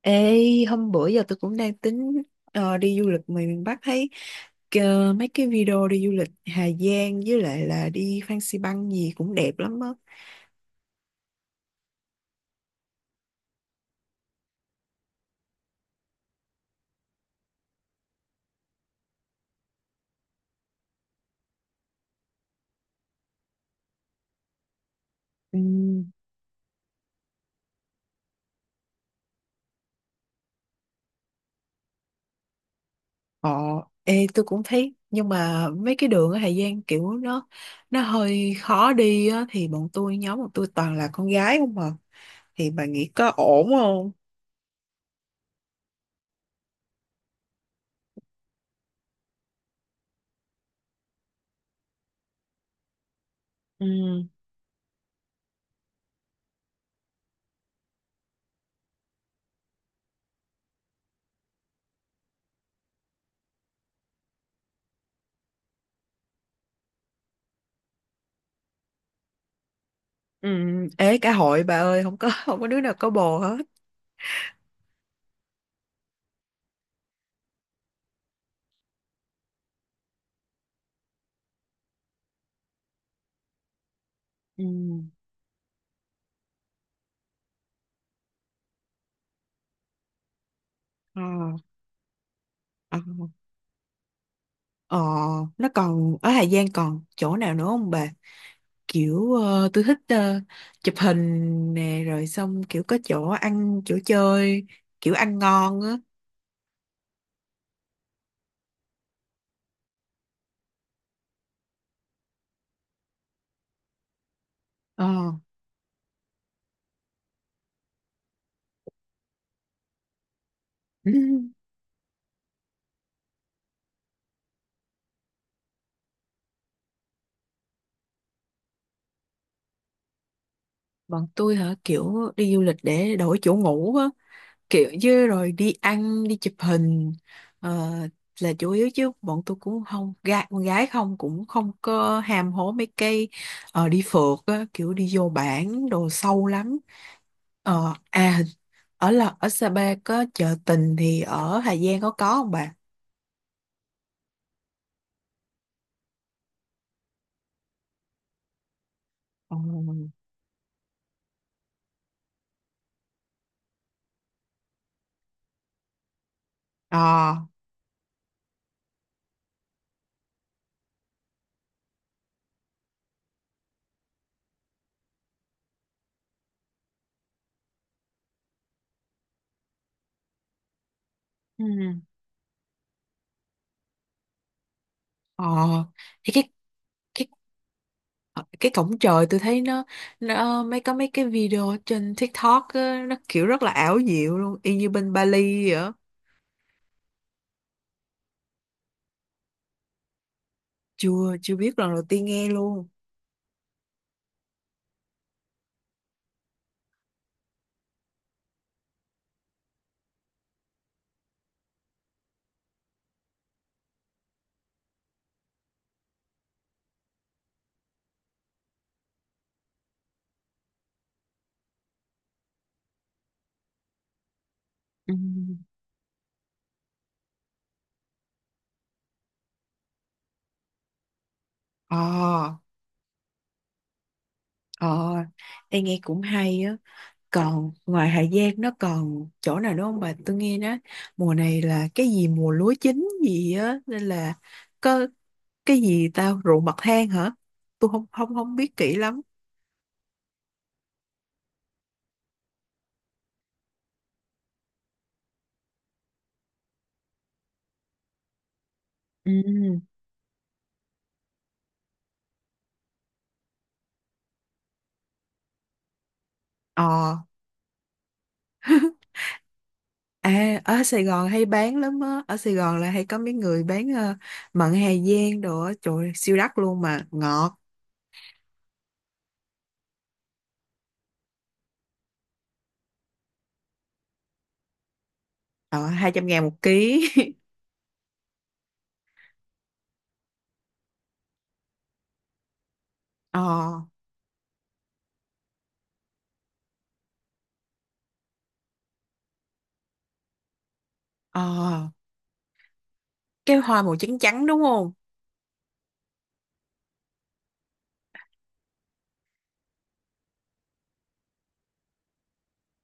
Ê, hôm bữa giờ tôi cũng đang tính đi du lịch ngoài miền Bắc thấy mấy cái video đi du lịch Hà Giang với lại là đi Phan Xi Păng gì cũng đẹp lắm á. Ừ. Ờ, ê, tôi cũng thấy nhưng mà mấy cái đường ở Hà Giang kiểu nó hơi khó đi á thì bọn tôi nhóm bọn tôi toàn là con gái không à. Thì bà nghĩ có ổn không? Ừ. Ừ. Ê, cả hội bà ơi, không có không có đứa nào có bồ hết. Ừ. Ờ. Ờ. Ờ, nó còn ở Hà Giang còn chỗ nào nữa không bà? Kiểu tôi thích chụp hình nè rồi xong kiểu có chỗ ăn chỗ chơi kiểu ăn ngon á. Ờ. Ừ. Bọn tôi hả, kiểu đi du lịch để đổi chỗ ngủ á, kiểu chứ rồi đi ăn đi chụp hình ờ, là chủ yếu, chứ bọn tôi cũng không con gái không cũng không có ham hố mấy cây đi phượt á, kiểu đi vô bản đồ sâu lắm. Ờ, à, ở là ở Sapa có chợ tình thì ở Hà Giang có không bạn? Ờ. Ờ. Ừ. Ờ. Thì cái ờ, cái cổng trời tôi thấy nó mấy có mấy cái video ở trên TikTok á, nó kiểu rất là ảo diệu luôn, y như bên Bali vậy á. Chưa chưa biết, lần đầu tiên nghe luôn. Ừ. Ờ. Ờ. Em nghe cũng hay á. Còn ngoài Hà Giang nó còn chỗ nào nữa không bà? Tôi nghe nói mùa này là cái gì mùa lúa chín gì á nên là có cái gì tao ruộng bậc thang hả? Tôi không không không biết kỹ lắm. Ừ. Ờ. À, ở Sài Gòn hay bán lắm á. Ở Sài Gòn là hay có mấy người bán mận Hà Giang đồ á. Trời ơi, siêu đắt luôn mà. Ngọt. Ờ, 200 ngàn một ký. Ờ, ờ. Cái hoa màu trắng trắng đúng không?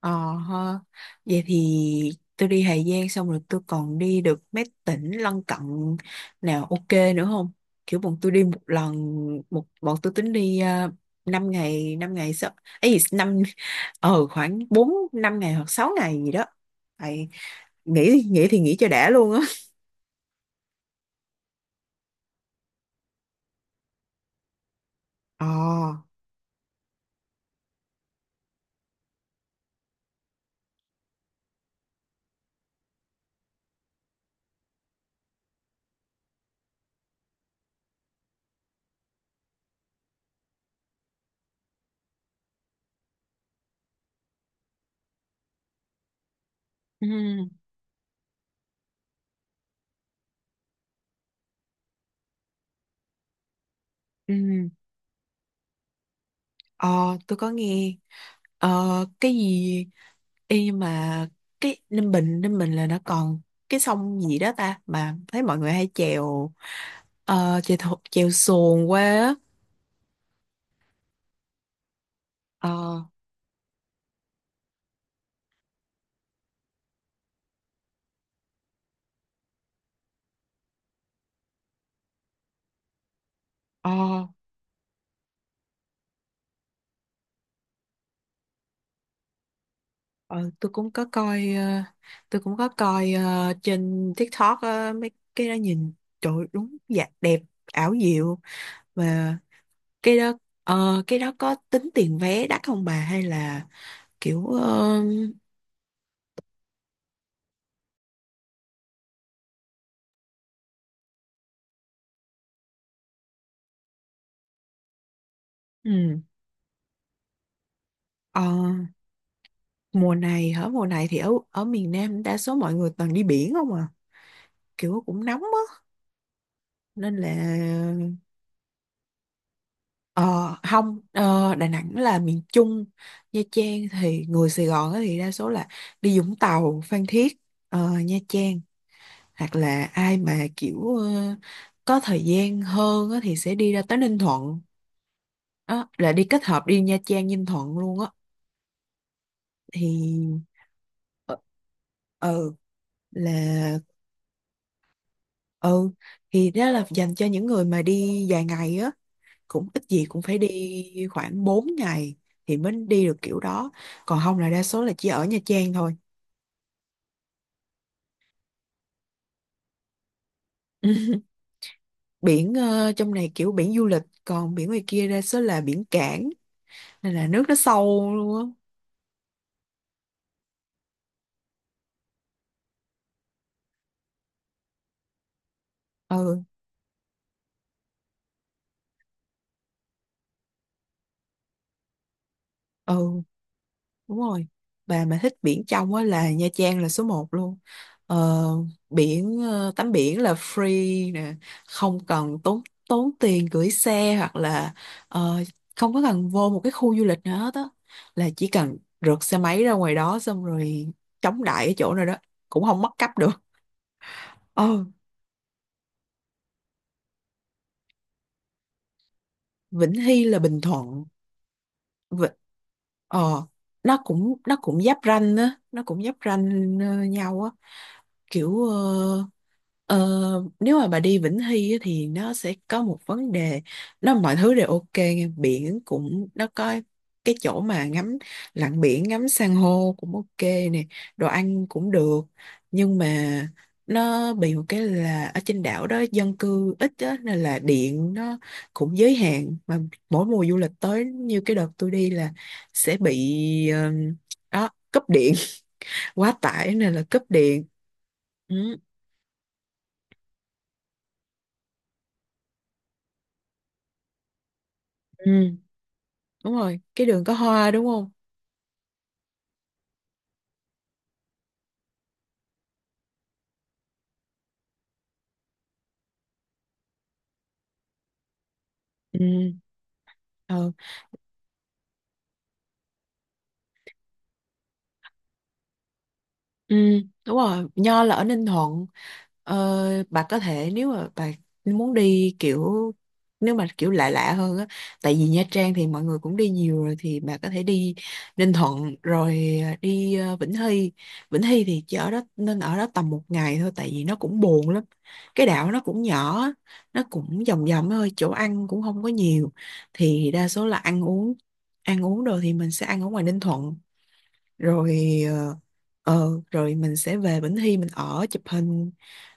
Ờ ha. Vậy thì tôi đi Hà Giang xong rồi tôi còn đi được mấy tỉnh lân cận nào ok nữa không? Kiểu bọn tôi đi một lần một, bọn tôi tính đi uh, 5 ngày 5 ngày sao ấy gì, năm, ờ khoảng 4 5 ngày hoặc 6 ngày gì đó. Tại nghĩ nghĩ thì nghĩ cho đã luôn á. Ờ. Ừ. Ừ. Ờ tôi có nghe ờ cái gì. Ê, nhưng mà cái Ninh Bình là nó còn cái sông gì đó ta, mà thấy mọi người hay chèo ờ, chèo thồ- chèo xuồng qua á. Ờ. Ờ. ờ, tôi cũng có coi ờ, tôi cũng có coi trên TikTok á, mấy cái đó nhìn trời ơi, đúng dạ đẹp ảo diệu, và cái đó cái đó có tính tiền vé đắt không bà, hay là kiểu ừ, ờ, mùa này hả, mùa này thì ở ở miền Nam đa số mọi người toàn đi biển không à, kiểu cũng nóng á nên là ờ không, Đà Nẵng là miền Trung. Nha Trang thì người Sài Gòn á thì đa số là đi Vũng Tàu, Phan Thiết, Nha Trang, hoặc là ai mà kiểu có thời gian hơn á thì sẽ đi ra tới Ninh Thuận, đó, là đi kết hợp đi Nha Trang Ninh Thuận luôn á. Thì ờ, ừ là ừ thì đó là dành cho những người mà đi dài ngày á, cũng ít gì cũng phải đi khoảng 4 ngày thì mới đi được kiểu đó, còn không là đa số là chỉ ở Nha Trang thôi. Biển trong này kiểu biển du lịch, còn biển ngoài kia đa số là biển cảng nên là nước nó sâu luôn á. Ừ. Ừ. Đúng rồi. Bà mà thích biển trong á là Nha Trang là số một luôn. Ờ, biển tắm biển là free nè, không cần tốn tốn tiền gửi xe, hoặc là ờ, không có cần vô một cái khu du lịch nào hết á, là chỉ cần rượt xe máy ra ngoài đó xong rồi chống đại ở chỗ nào đó cũng không mất cắp được. Ờ, Vĩnh Hy là Bình Thuận. Vịnh ờ, nó cũng giáp ranh á, nó cũng giáp ranh nhau á, kiểu ờ, nếu mà bà đi Vĩnh Hy á, thì nó sẽ có một vấn đề, nó mọi thứ đều ok nghe. Biển cũng nó có cái chỗ mà ngắm lặn biển ngắm san hô cũng ok nè, đồ ăn cũng được, nhưng mà nó bị một cái là ở trên đảo đó dân cư ít á, nên là điện nó cũng giới hạn mà mỗi mùa du lịch tới như cái đợt tôi đi là sẽ bị ờ, đó cúp điện quá tải nên là cúp điện. Ừ. Ừ, đúng rồi, cái đường có hoa đúng không? Ừ, ờ. Ừ, đúng rồi, Nho là ở Ninh Thuận. Ờ, bà có thể, nếu mà bà muốn đi kiểu, nếu mà kiểu lạ lạ hơn á, tại vì Nha Trang thì mọi người cũng đi nhiều rồi thì bà có thể đi Ninh Thuận rồi à, đi Vĩnh Hy. Vĩnh Hy thì chỉ ở đó nên ở đó tầm một ngày thôi tại vì nó cũng buồn lắm. Cái đảo nó cũng nhỏ á, nó cũng vòng vòng thôi, chỗ ăn cũng không có nhiều, thì đa số là ăn uống đồ thì mình sẽ ăn ở ngoài Ninh Thuận rồi rồi mình sẽ về Bình Thi mình ở chụp hình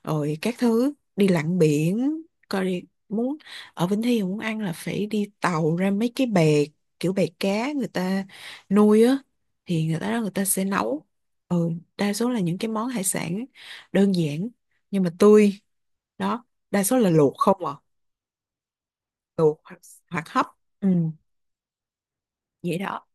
rồi các thứ, đi lặn biển coi, đi muốn ở Bình Thi mà muốn ăn là phải đi tàu ra mấy cái bè, kiểu bè cá người ta nuôi á, thì người ta đó người ta sẽ nấu, ừ, đa số là những cái món hải sản đơn giản nhưng mà tươi, đó, đa số là luộc không à, luộc hoặc, hoặc hấp, ừ, vậy đó.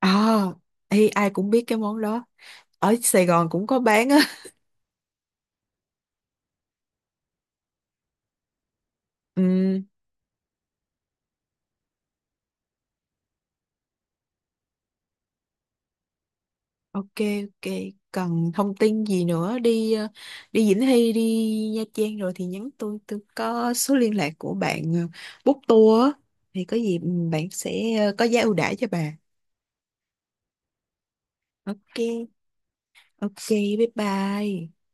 À, ê, ai cũng biết cái món đó, ở Sài Gòn cũng có bán á. Ừ. Ok, ok. Cần thông tin gì nữa đi đi Vĩnh Hy, đi Nha Trang rồi thì nhắn tôi có số liên lạc của bạn book tour á, thì có gì ừ, bạn sẽ có giá ưu đãi cho bà. Ok, ok, bye bye.